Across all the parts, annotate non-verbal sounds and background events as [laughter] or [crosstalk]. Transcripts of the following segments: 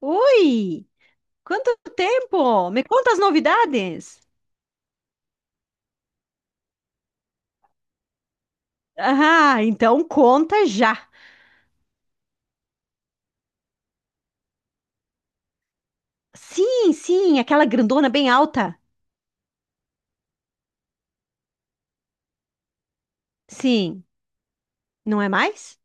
Oi! Quanto tempo? Me conta as novidades? Ah, então conta já. Sim, sim, aquela grandona bem alta. Sim, não é mais?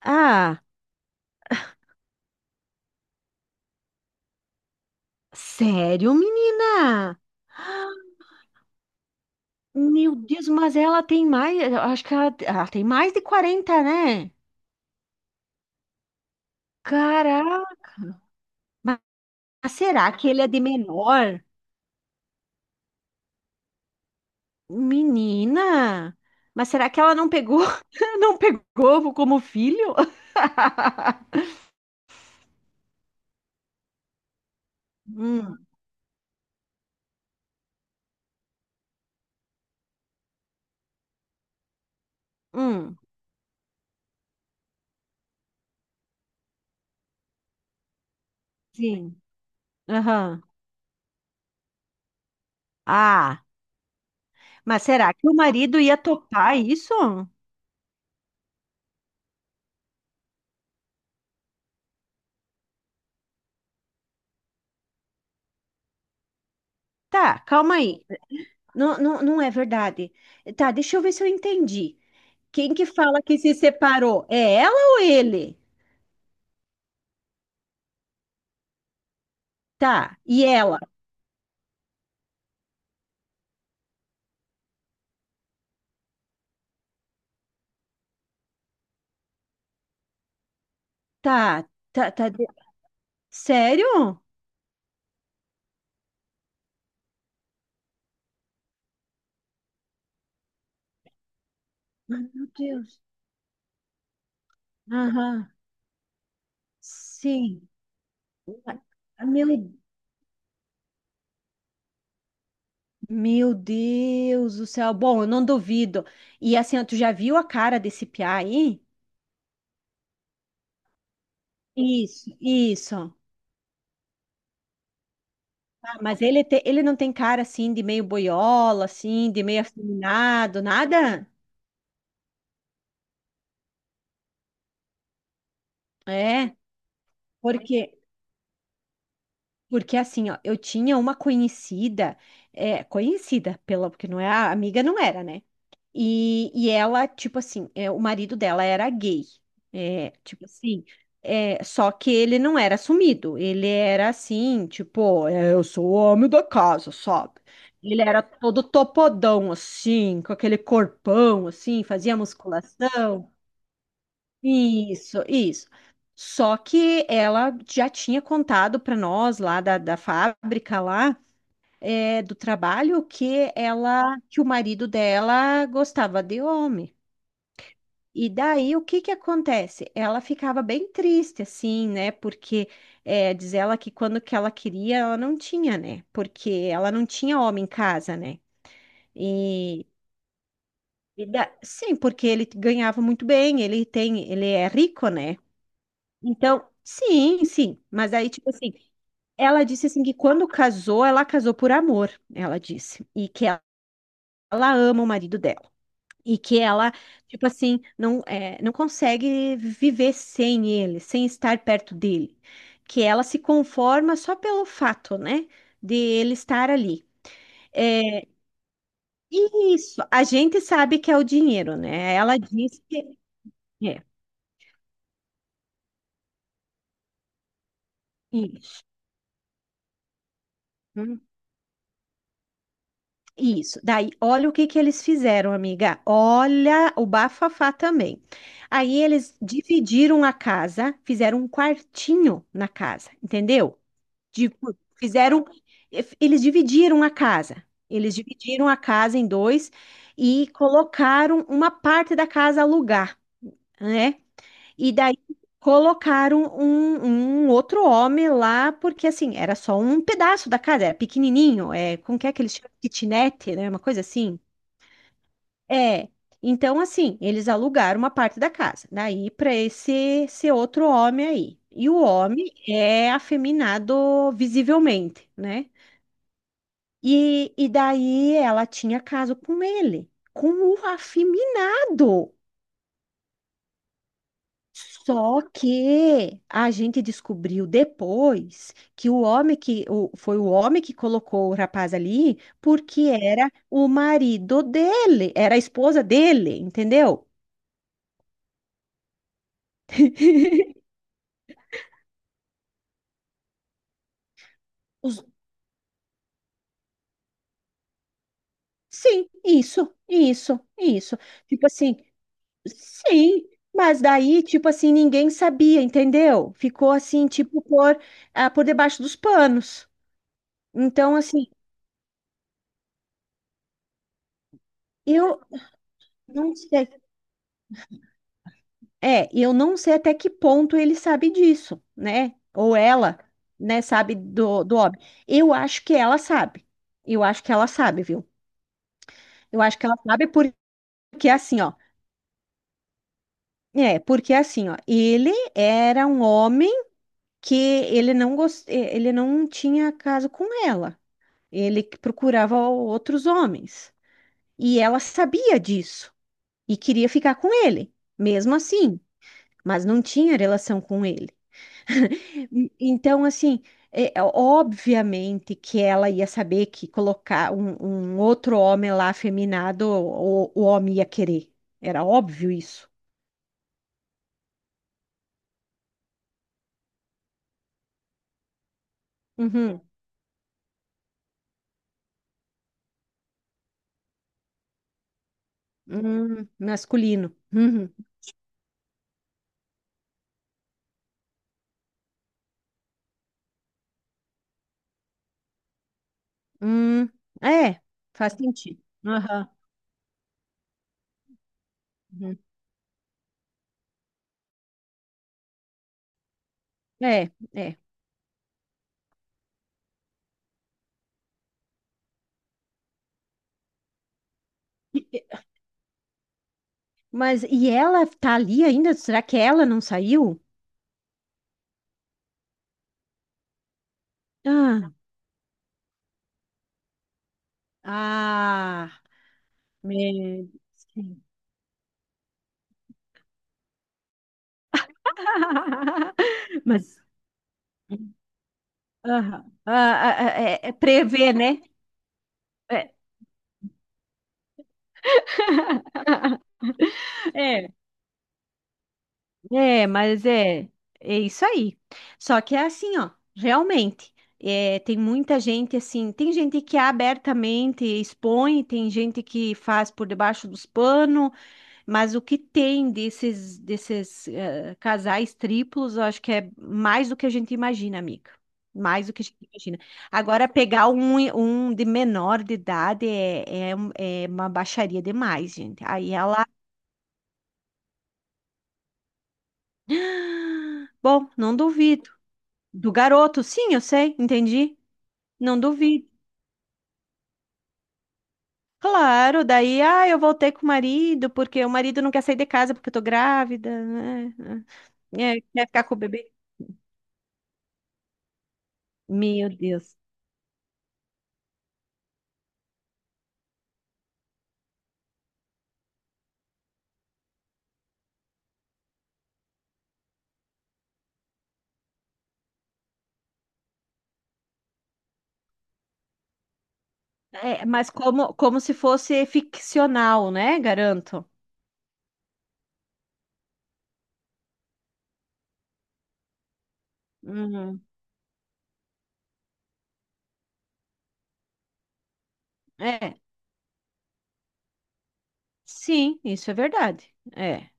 Ah, sério, menina? Meu Deus, mas ela tem mais, eu acho que ela tem mais de 40, né? Caraca! Mas será que ele é de menor? Menina! Mas será que ela não pegou, [laughs] não pegou como filho? [laughs] Hum. Hum, sim. Aham. Ah, mas será que o marido ia topar isso? Tá, calma aí. Não, não, não é verdade. Tá, deixa eu ver se eu entendi. Quem que fala que se separou? É ela ou ele? Tá, e ela? Tá, tá, tá. Sério? Ai, meu Deus. Aham, sim. Ah, meu Deus do céu. Bom, eu não duvido. E assim, ó, tu já viu a cara desse piá aí? Isso, isso. Ah, mas ele não tem cara assim de meio boiola, assim, de meio afeminado, nada? É, porque, porque assim, ó, eu tinha uma conhecida, é, conhecida, pela, porque não é, a amiga não era, né? E ela, tipo assim, é, o marido dela era gay. É, tipo assim, é, só que ele não era assumido. Ele era assim, tipo, é, eu sou o homem da casa, sabe? Ele era todo topodão, assim, com aquele corpão, assim, fazia musculação. Isso, isso. Só que ela já tinha contado para nós lá da fábrica lá é, do trabalho que ela que o marido dela gostava de homem. E daí o que que acontece? Ela ficava bem triste, assim, né? Porque é, diz ela que quando que ela queria, ela não tinha, né? Porque ela não tinha homem em casa, né? E, e sim, porque ele ganhava muito bem, ele tem, ele é rico, né? Então, sim, sim. Mas aí, tipo assim, ela disse assim que quando casou, ela casou por amor, ela disse, e que ela ama o marido dela. E que ela, tipo assim, não, é, não consegue viver sem ele, sem estar perto dele. Que ela se conforma só pelo fato, né, de ele estar ali. É, e isso, a gente sabe que é o dinheiro, né? Ela diz que é isso. Hum, isso. Daí, olha o que que eles fizeram, amiga. Olha o bafafá também. Aí eles dividiram a casa, fizeram um quartinho na casa, entendeu? de- fizeram, Eles dividiram a casa. Eles dividiram a casa em dois e colocaram uma parte da casa a alugar, né? E daí colocaram um outro homem lá, porque assim, era só um pedaço da casa, era pequenininho, é, como que é que eles chamam? Kitnet, né? Uma coisa assim. É. Então, assim, eles alugaram uma parte da casa, daí para esse outro homem aí. E o homem é afeminado visivelmente, né? E daí ela tinha caso com ele, com o afeminado. Só que a gente descobriu depois que o homem foi o homem que colocou o rapaz ali, porque era o marido dele, era a esposa dele, entendeu? [laughs] Os- Sim, isso, isso, isso. Tipo assim, sim, mas daí, tipo assim, ninguém sabia, entendeu? Ficou assim, tipo, por debaixo dos panos. Então, assim, eu não sei. É, eu não sei até que ponto ele sabe disso, né? Ou ela, né, sabe do óbvio. Eu acho que ela sabe. Eu acho que ela sabe, viu? Eu acho que ela sabe porque assim, ó. É, porque assim, ó, ele era um homem que ele não tinha caso com ela. Ele que procurava outros homens. E ela sabia disso e queria ficar com ele, mesmo assim, mas não tinha relação com ele. Então, assim, é, obviamente que ela ia saber que colocar um outro homem lá afeminado, o homem ia querer. Era óbvio isso. Uhum. Masculino. Uhum. Hum, é, faz sentido. Aham. Uhum. É, é. Mas e ela tá ali ainda? Será que ela não saiu? Ah, ah, meu. Sim. [laughs] mas aham, ah, ah, ah, é prever, né? É, [laughs] É, é, mas é isso aí. Só que é assim, ó, realmente. É, tem muita gente assim, tem gente que abertamente expõe, tem gente que faz por debaixo dos panos. Mas o que tem desses casais triplos, eu acho que é mais do que a gente imagina, amiga. Mais do que a gente imagina. Agora, pegar um de menor de idade é uma baixaria demais, gente. Aí ela, [gasps] bom, não duvido. Do garoto, sim, eu sei, entendi. Não duvido. Claro, daí, ah, eu voltei com o marido, porque o marido não quer sair de casa porque eu tô grávida, né? É, quer ficar com o bebê. Meu Deus. É, mas como se fosse ficcional, né? Garanto. Uhum. É, sim, isso é verdade. É,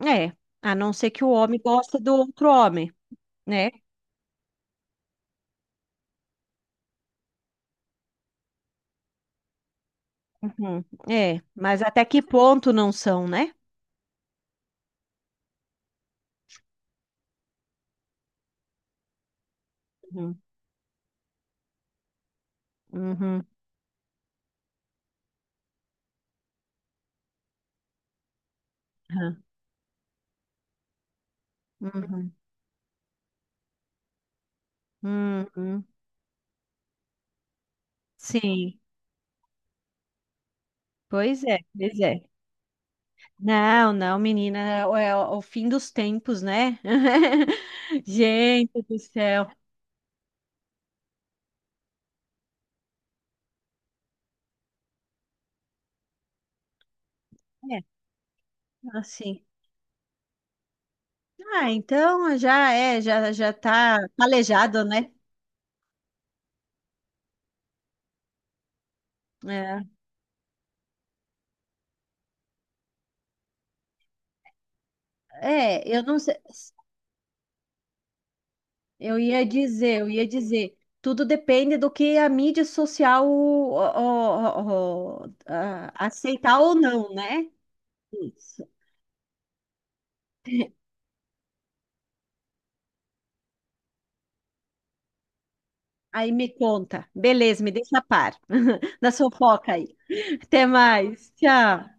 é. A não ser que o homem goste do outro homem, né? Uhum. É, mas até que ponto não são, né? Uhum. Uhum. Uhum. Uhum. Uhum. Sim, pois é, pois é. Não, não, menina, é o fim dos tempos, né? [laughs] Gente do céu. É, assim. Ah, então já já tá calejado, né? É, eu não sei, eu ia dizer, tudo depende do que a mídia social ó, ó, ó, ah, aceitar ou não, né? Isso. [laughs] Aí me conta. Beleza, me deixa a par [laughs] da fofoca aí. Até mais. Tchau.